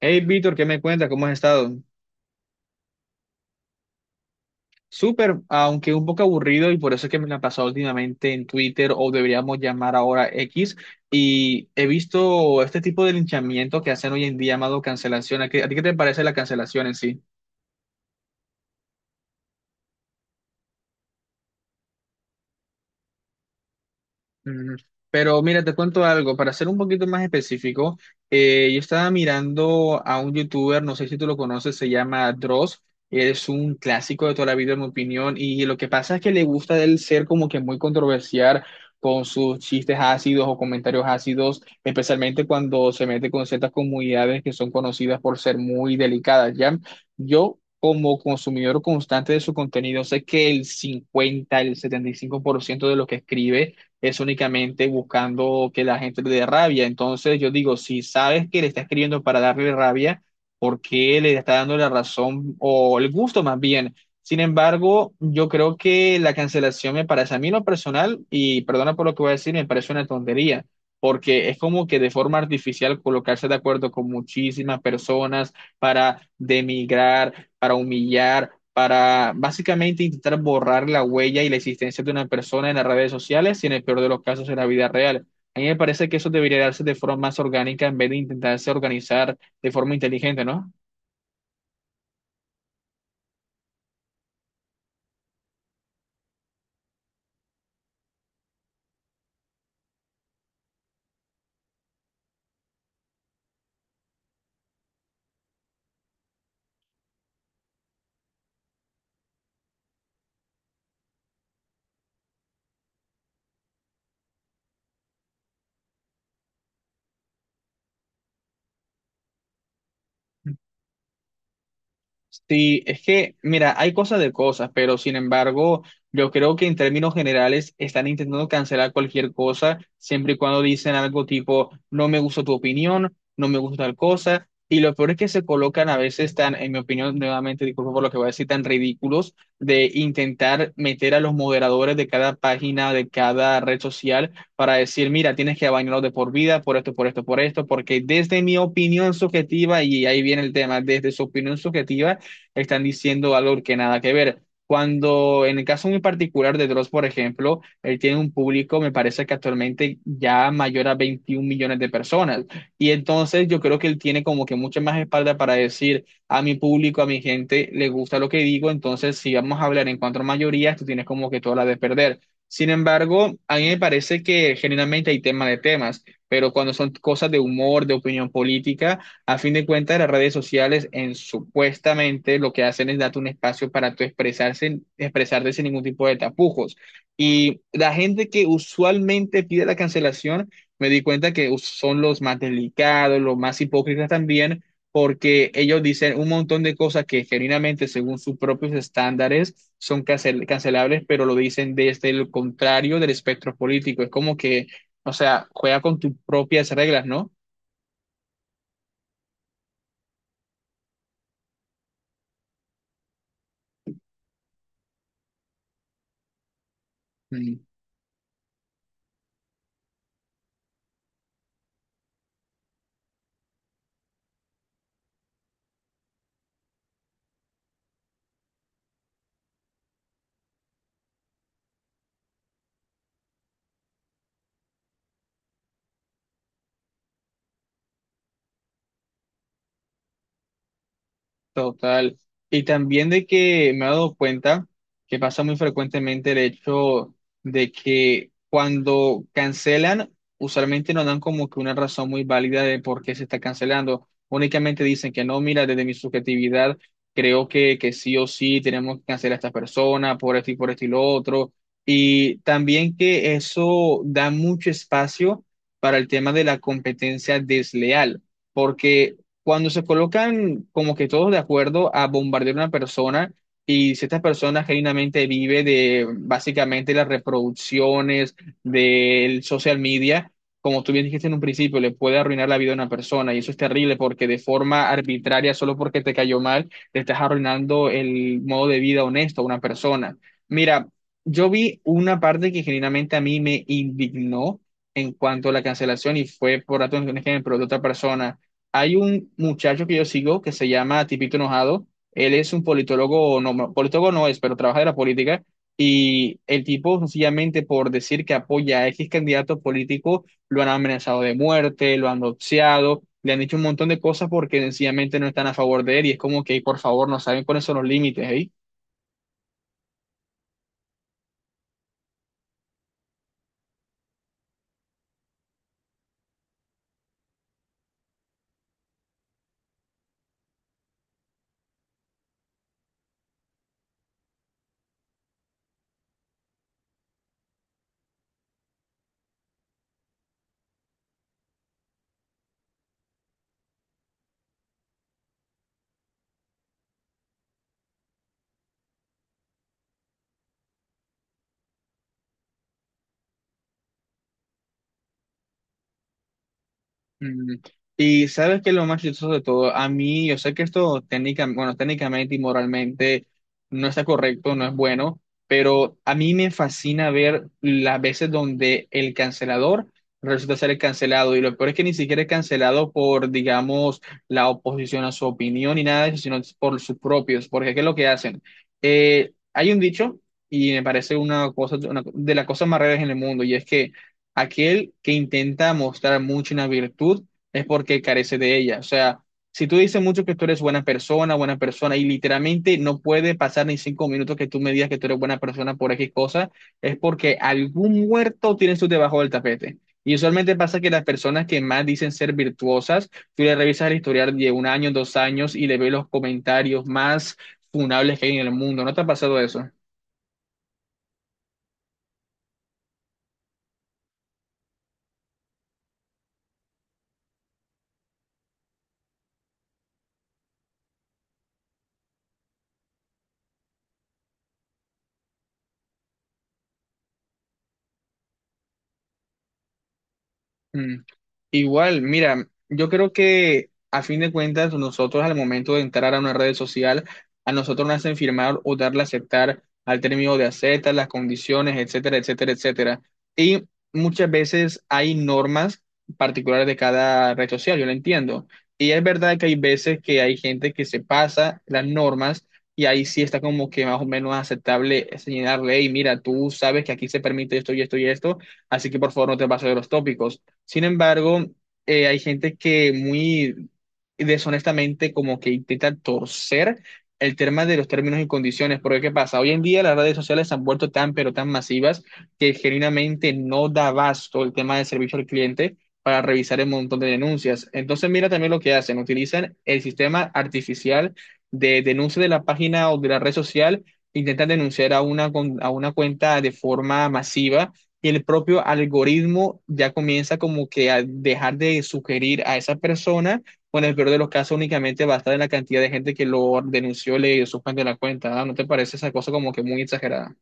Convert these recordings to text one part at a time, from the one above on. Hey, Víctor, ¿qué me cuentas? ¿Cómo has estado? Súper, aunque un poco aburrido y por eso es que me la he pasado últimamente en Twitter o deberíamos llamar ahora X, y he visto este tipo de linchamiento que hacen hoy en día llamado cancelación. ¿A ti qué te parece la cancelación en sí? Mm. Pero mira, te cuento algo, para ser un poquito más específico, yo estaba mirando a un youtuber, no sé si tú lo conoces, se llama Dross, es un clásico de toda la vida en mi opinión, y lo que pasa es que le gusta de él ser como que muy controversial con sus chistes ácidos o comentarios ácidos, especialmente cuando se mete con ciertas comunidades que son conocidas por ser muy delicadas, ¿ya? Yo... Como consumidor constante de su contenido, sé que el 50, el 75% de lo que escribe es únicamente buscando que la gente le dé rabia. Entonces yo digo, si sabes que le está escribiendo para darle rabia, ¿por qué le está dando la razón o el gusto más bien? Sin embargo, yo creo que la cancelación me parece a mí en lo personal, y perdona por lo que voy a decir, me parece una tontería, porque es como que de forma artificial colocarse de acuerdo con muchísimas personas para demigrar, para humillar, para básicamente intentar borrar la huella y la existencia de una persona en las redes sociales y en el peor de los casos en la vida real. A mí me parece que eso debería darse de forma más orgánica en vez de intentarse organizar de forma inteligente, ¿no? Sí, es que, mira, hay cosas de cosas, pero sin embargo, yo creo que en términos generales están intentando cancelar cualquier cosa, siempre y cuando dicen algo tipo, no me gusta tu opinión, no me gusta tal cosa, y lo peor es que se colocan a veces tan, en mi opinión, nuevamente, disculpa por lo que voy a decir, tan ridículos de intentar meter a los moderadores de cada página, de cada red social, para decir, mira, tienes que bañarlo de por vida, por esto, por esto, por esto, porque desde mi opinión subjetiva, y ahí viene el tema, desde su opinión subjetiva, están diciendo algo que nada que ver. Cuando en el caso muy particular de Dross, por ejemplo, él tiene un público, me parece que actualmente ya mayor a 21 millones de personas. Y entonces yo creo que él tiene como que mucha más espalda para decir a mi público, a mi gente, le gusta lo que digo. Entonces, si vamos a hablar en cuanto a mayorías, tú tienes como que toda la de perder. Sin embargo, a mí me parece que generalmente hay tema de temas, pero cuando son cosas de humor, de opinión política, a fin de cuentas, las redes sociales en supuestamente lo que hacen es darte un espacio para tú expresarse, expresarte sin ningún tipo de tapujos. Y la gente que usualmente pide la cancelación, me di cuenta que son los más delicados, los más hipócritas también, porque ellos dicen un montón de cosas que genuinamente, según sus propios estándares, son cancelables, pero lo dicen desde el contrario del espectro político. Es como que, o sea, juega con tus propias reglas, ¿no? Total. Y también de que me he dado cuenta que pasa muy frecuentemente el hecho de que cuando cancelan, usualmente no dan como que una razón muy válida de por qué se está cancelando. Únicamente dicen que no, mira, desde mi subjetividad creo que sí o sí tenemos que cancelar a esta persona por esto y lo otro. Y también que eso da mucho espacio para el tema de la competencia desleal, porque cuando se colocan como que todos de acuerdo a bombardear una persona y si esta persona genuinamente vive de básicamente las reproducciones del social media, como tú bien dijiste en un principio, le puede arruinar la vida a una persona y eso es terrible porque de forma arbitraria, solo porque te cayó mal, le estás arruinando el modo de vida honesto a una persona. Mira, yo vi una parte que genuinamente a mí me indignó en cuanto a la cancelación y fue por datos un ejemplo de otra persona. Hay un muchacho que yo sigo que se llama Tipito Enojado. Él es un politólogo, no, no, politólogo no es, pero trabaja de la política. Y el tipo, sencillamente por decir que apoya a X candidato político, lo han amenazado de muerte, lo han doxeado, le han dicho un montón de cosas porque sencillamente no están a favor de él. Y es como que, por favor, no saben cuáles son los límites, ¿eh? Mm. Y sabes que lo más chistoso de todo, a mí, yo sé que esto técnica, bueno, técnicamente y moralmente no está correcto, no es bueno, pero a mí me fascina ver las veces donde el cancelador resulta ser el cancelado. Y lo peor es que ni siquiera es cancelado por, digamos, la oposición a su opinión ni nada de eso, sino es por sus propios. Porque ¿qué es lo que hacen? Hay un dicho, y me parece una cosa, una de las cosas más raras en el mundo, y es que aquel que intenta mostrar mucho una virtud es porque carece de ella. O sea, si tú dices mucho que tú eres buena persona, y literalmente no puede pasar ni 5 minutos que tú me digas que tú eres buena persona por X cosa, es porque algún muerto tiene su debajo del tapete. Y usualmente pasa que las personas que más dicen ser virtuosas, tú le revisas el historial de un año, 2 años y le ves los comentarios más funables que hay en el mundo. ¿No te ha pasado eso? Mm. Igual, mira, yo creo que a fin de cuentas nosotros al momento de entrar a una red social, a nosotros nos hacen firmar o darle a aceptar al término de acepta, las condiciones, etcétera, etcétera, etcétera. Y muchas veces hay normas particulares de cada red social, yo lo entiendo. Y es verdad que hay veces que hay gente que se pasa las normas y ahí sí está como que más o menos aceptable señalarle, y mira, tú sabes que aquí se permite esto y esto y esto, así que por favor no te pases de los tópicos. Sin embargo, hay gente que muy deshonestamente como que intenta torcer el tema de los términos y condiciones, porque ¿qué pasa? Hoy en día las redes sociales se han vuelto tan pero tan masivas que genuinamente no da abasto el tema de servicio al cliente para revisar el montón de denuncias. Entonces mira también lo que hacen, utilizan el sistema artificial de denuncia de la página o de la red social, intentan denunciar a una cuenta de forma masiva y el propio algoritmo ya comienza como que a dejar de sugerir a esa persona, o en el peor de los casos únicamente va a estar en la cantidad de gente que lo denunció, le suspendió la cuenta, ¿ah? ¿No te parece esa cosa como que muy exagerada?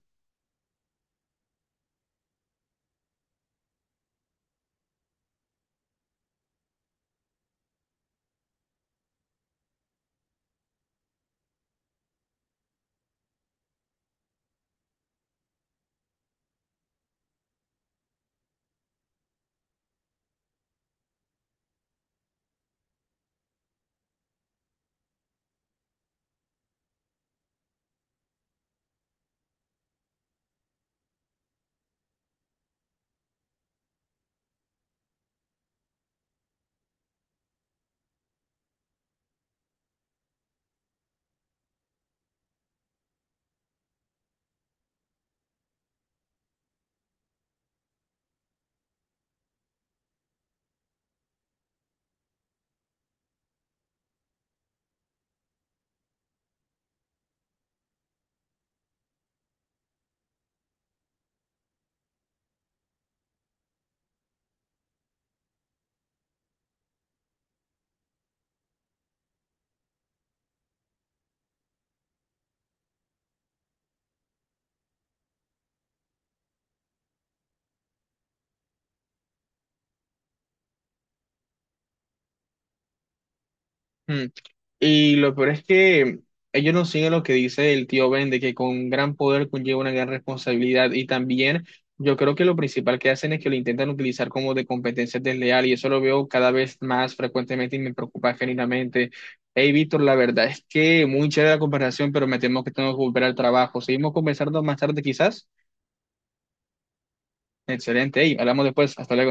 Mm. Y lo peor es que ellos no siguen lo que dice el tío Ben, de que con gran poder conlleva una gran responsabilidad. Y también yo creo que lo principal que hacen es que lo intentan utilizar como de competencia desleal. Y eso lo veo cada vez más frecuentemente y me preocupa genuinamente. Hey, Víctor, la verdad es que muy chévere la comparación, pero me temo que tengo que volver al trabajo. Seguimos conversando más tarde, quizás. Excelente. Hey, hablamos después. Hasta luego.